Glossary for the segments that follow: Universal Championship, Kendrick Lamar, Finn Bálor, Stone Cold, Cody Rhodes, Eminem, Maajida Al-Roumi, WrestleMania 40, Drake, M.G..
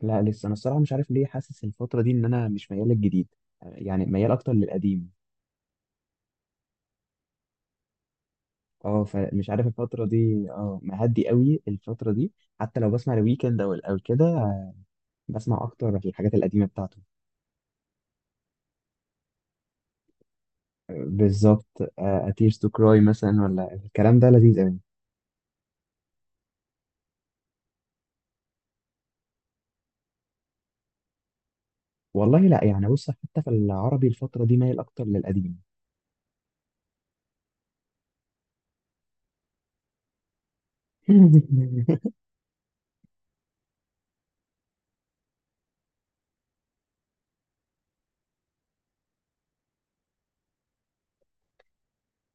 لا، لسه انا الصراحه مش عارف ليه حاسس الفتره دي ان انا مش ميال للجديد. يعني ميال اكتر للقديم. اه، فمش عارف الفتره دي اه مهدي قوي الفتره دي. حتى لو بسمع الويكند او كده، بسمع اكتر في الحاجات القديمه بتاعته. بالظبط، اتيرز تو كراي مثلا ولا الكلام ده لذيذ قوي. والله لا، يعني بص، حتى في العربي الفتره دي مايل اكتر للقديم.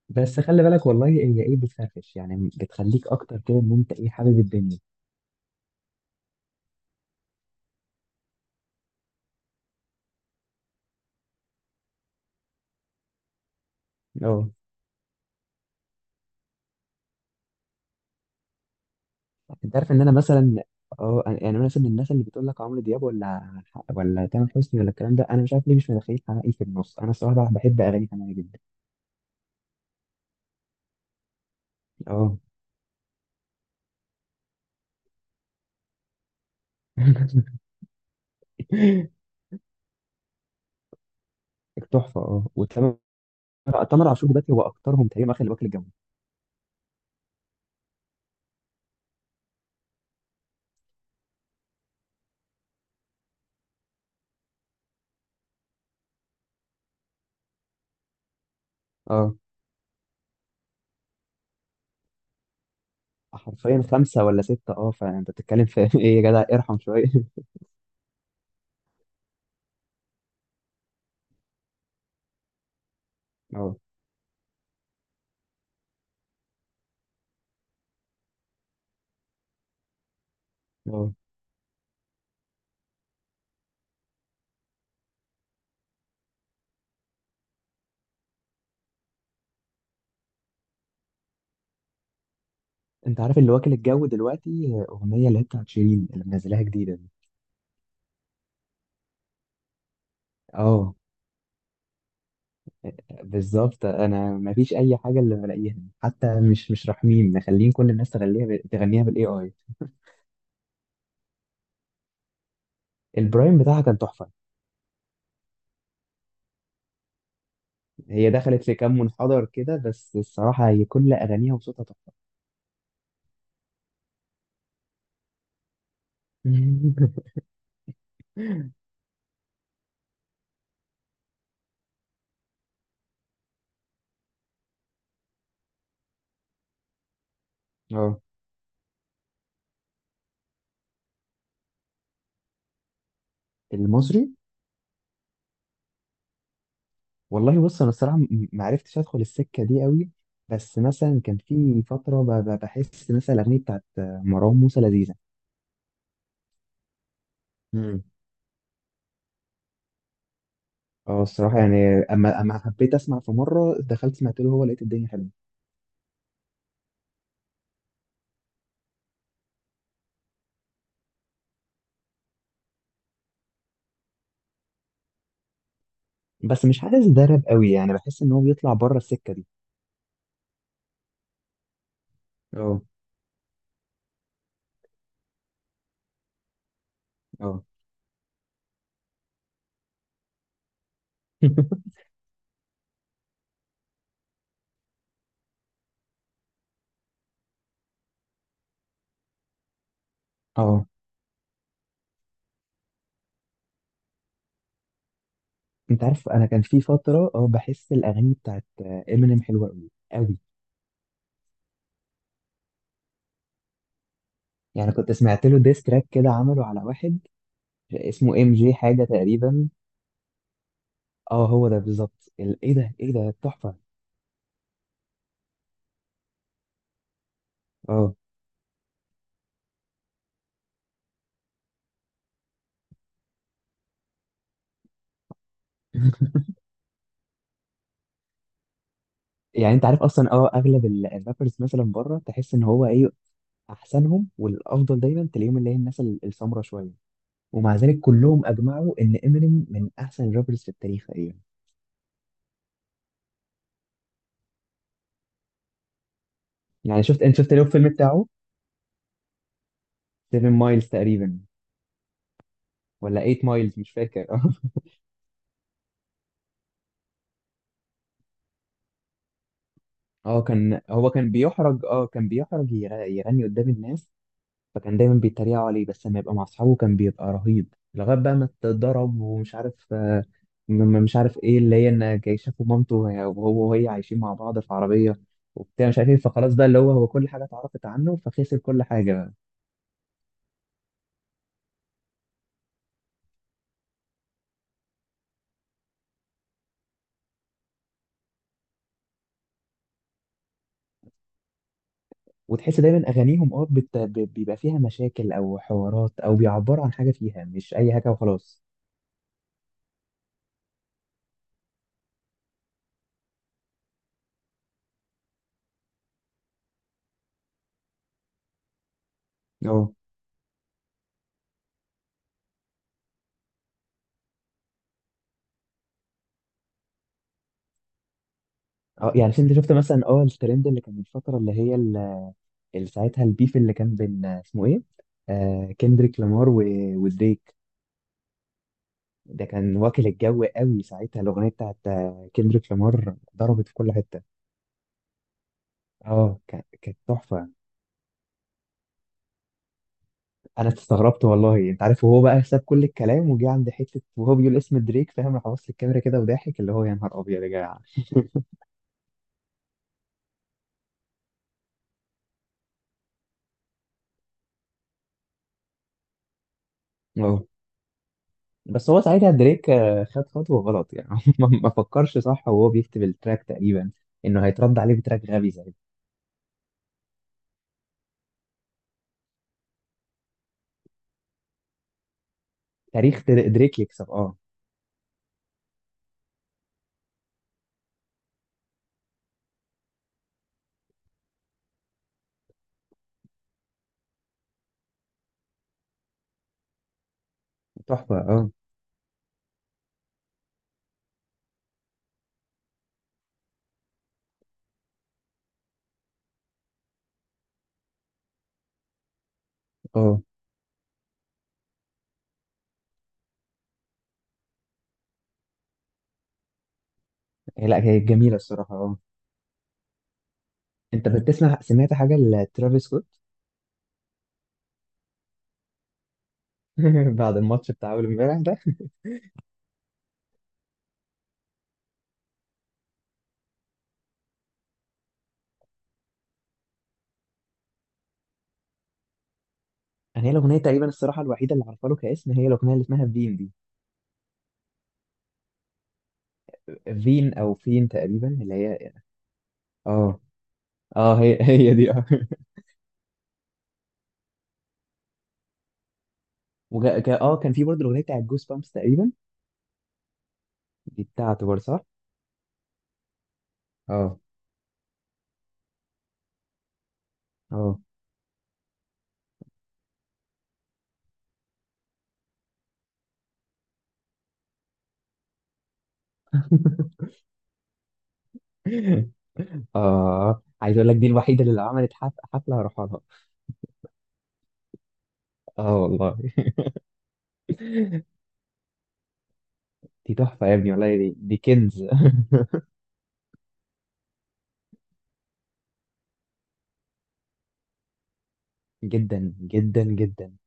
بس خلي بالك، والله هي ايه بتفرفش، يعني بتخليك اكتر كده ان انت ايه حابب الدنيا. اه، انت عارف ان انا مثلا. اه، يعني انا مثلا من الناس اللي بتقول لك عمرو دياب ولا تامر حسني ولا الكلام ده. انا مش عارف ليه مش متخيل حماقي في النص. انا الصراحه بحب اغاني حماقي جدا. اه. تحفه. اه، وتامر. تامر عاشور دلوقتي هو اكترهم تقريبا، واخد واكل الجو. اه، حرفيا خمسه ولا سته. اه، فانت بتتكلم في ايه يا جدع، ارحم شويه. اه. اه، انت عارف اللي واكل الجو دلوقتي اغنيه اللي هي بتاعت شيرين، اللي منزلاها جديده دي. اه، بالظبط. انا ما فيش اي حاجه اللي بلاقيها. حتى مش رحمين، مخلين كل الناس تغنيها بالاي اي. البرايم بتاعها كان تحفه. هي دخلت في كام منحدر كده، بس الصراحه هي كل اغانيها وصوتها تحفه. اه، المصري. والله بص، انا الصراحه ما عرفتش ادخل السكه دي قوي. بس مثلا كان في فتره بحس مثلا الاغنيه بتاعت مروان موسى لذيذه. مم. اه، الصراحه يعني اما حبيت اسمع في مره دخلت سمعت له هو، لقيت الدنيا حلوه. بس مش حاسس ده راب قوي، يعني بحس ان هو بيطلع بره السكه دي. اه. اه. اه، انت عارف انا كان في فتره اه بحس الاغاني بتاعت امينيم حلوه قوي قوي. يعني كنت سمعت له ديس تراك كده عمله على واحد اسمه ام جي حاجه تقريبا. اه، هو ده بالظبط ايه ده ايه ده تحفه. اه. يعني انت عارف اصلا اه اغلب الرابرز مثلا بره تحس ان هو ايه، احسنهم والافضل دايما تلاقيهم اللي هي الناس السمره شويه. ومع ذلك كلهم اجمعوا ان امينيم من احسن الرابرز في التاريخ تقريبا. يعني شفت، انت شفت له الفيلم بتاعه 7 مايلز تقريبا ولا 8 مايلز مش فاكر. اه. اه، كان هو كان بيحرج، اه كان بيحرج يغني قدام الناس. فكان دايما بيتريقوا عليه، بس لما يبقى مع اصحابه كان بيبقى رهيب، لغايه بقى ما اتضرب ومش عارف، مش عارف ايه اللي هي ان جاي شافوا مامته وهو وهي عايشين مع بعض في عربيه وبتاع مش عارف ايه. فخلاص بقى اللي هو كل حاجه اتعرفت عنه فخسر كل حاجه. وتحس دايما اغانيهم اه بيبقى فيها مشاكل او حوارات، او بيعبروا عن حاجه فيها، مش اي حاجه وخلاص. اه. اه، يعني انت شفت مثلا اه الترند اللي كان من فتره، اللي هي اللي ساعتها البيف اللي كان بين اسمه ايه، كندريك لامار ودريك. ده كان واكل الجو قوي ساعتها. الاغنيه بتاعت كندريك لامار ضربت في كل حته. اه، كانت تحفه. انا استغربت والله. انت عارف، وهو بقى ساب كل الكلام وجه عند حته وهو بيقول اسم دريك، فاهم، راح بص الكاميرا كده وضاحك، اللي هو يا نهار ابيض يا جدع. اه، بس هو ساعتها دريك خد خطوة غلط يعني. ما فكرش صح وهو بيكتب التراك تقريبا انه هيترد عليه بتراك غبي زي ده. تاريخ دريك يكسب. اه، تحفة. اه. اه، لا هي جميلة الصراحة. اه، انت بتسمع، سمعت حاجة لترافيس سكوت؟ بعد الماتش بتاع اول امبارح ده. انا هي الاغنية تقريبا الصراحة الوحيدة اللي عارفة له كاسم هي الاغنية اللي اسمها فين دي. فين او فين تقريبا اللي هي. اه. اه، هي هي دي اه. اه كان في برضه الاغنية بتاعت جوز بامبس تقريبا. دي بتاعته برضه صح؟ اه. اه. اه، عايز اقول لك دي الوحيده اللي لو عملت حفله هروح لها. اه والله دي تحفه يا ابني. والله دي كنز. جدا جدا جدا.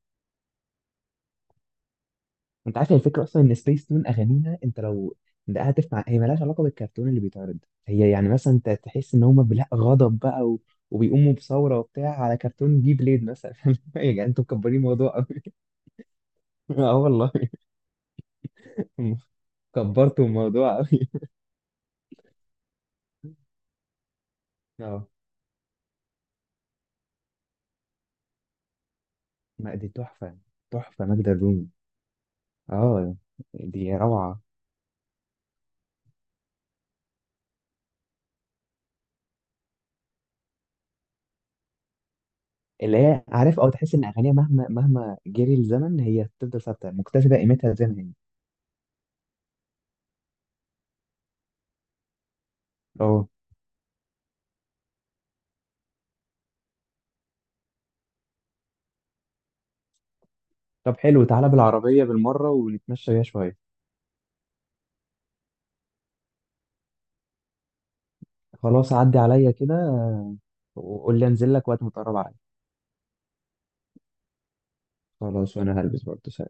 انت عارف الفكره اصلا ان سبيس تون اغانيها، انت لو دققت في، هي مالهاش علاقه بالكرتون اللي بيتعرض. هي يعني مثلا انت تحس ان هم بلا غضب بقى و... وبيقوموا بثوره وبتاع على كرتون جي بليد مثلا. يا جدعان انتوا مكبرين الموضوع قوي. اه والله. كبرتوا الموضوع قوي. اه، ما دي تحفه. تحفه ماجدة الرومي. اه، دي روعة. اللي هي، عارف، او تحس ان اغانيها مهما مهما جري الزمن هي تفضل ثابتة مكتسبة قيمتها زي ما هي. اه، طب حلو، تعالى بالعربية بالمرة ونتمشى بيها شوية. خلاص، عدي عليا كده وقول لي انزل لك وقت ما تقرب عليا. خلاص، وانا هلبس برضه.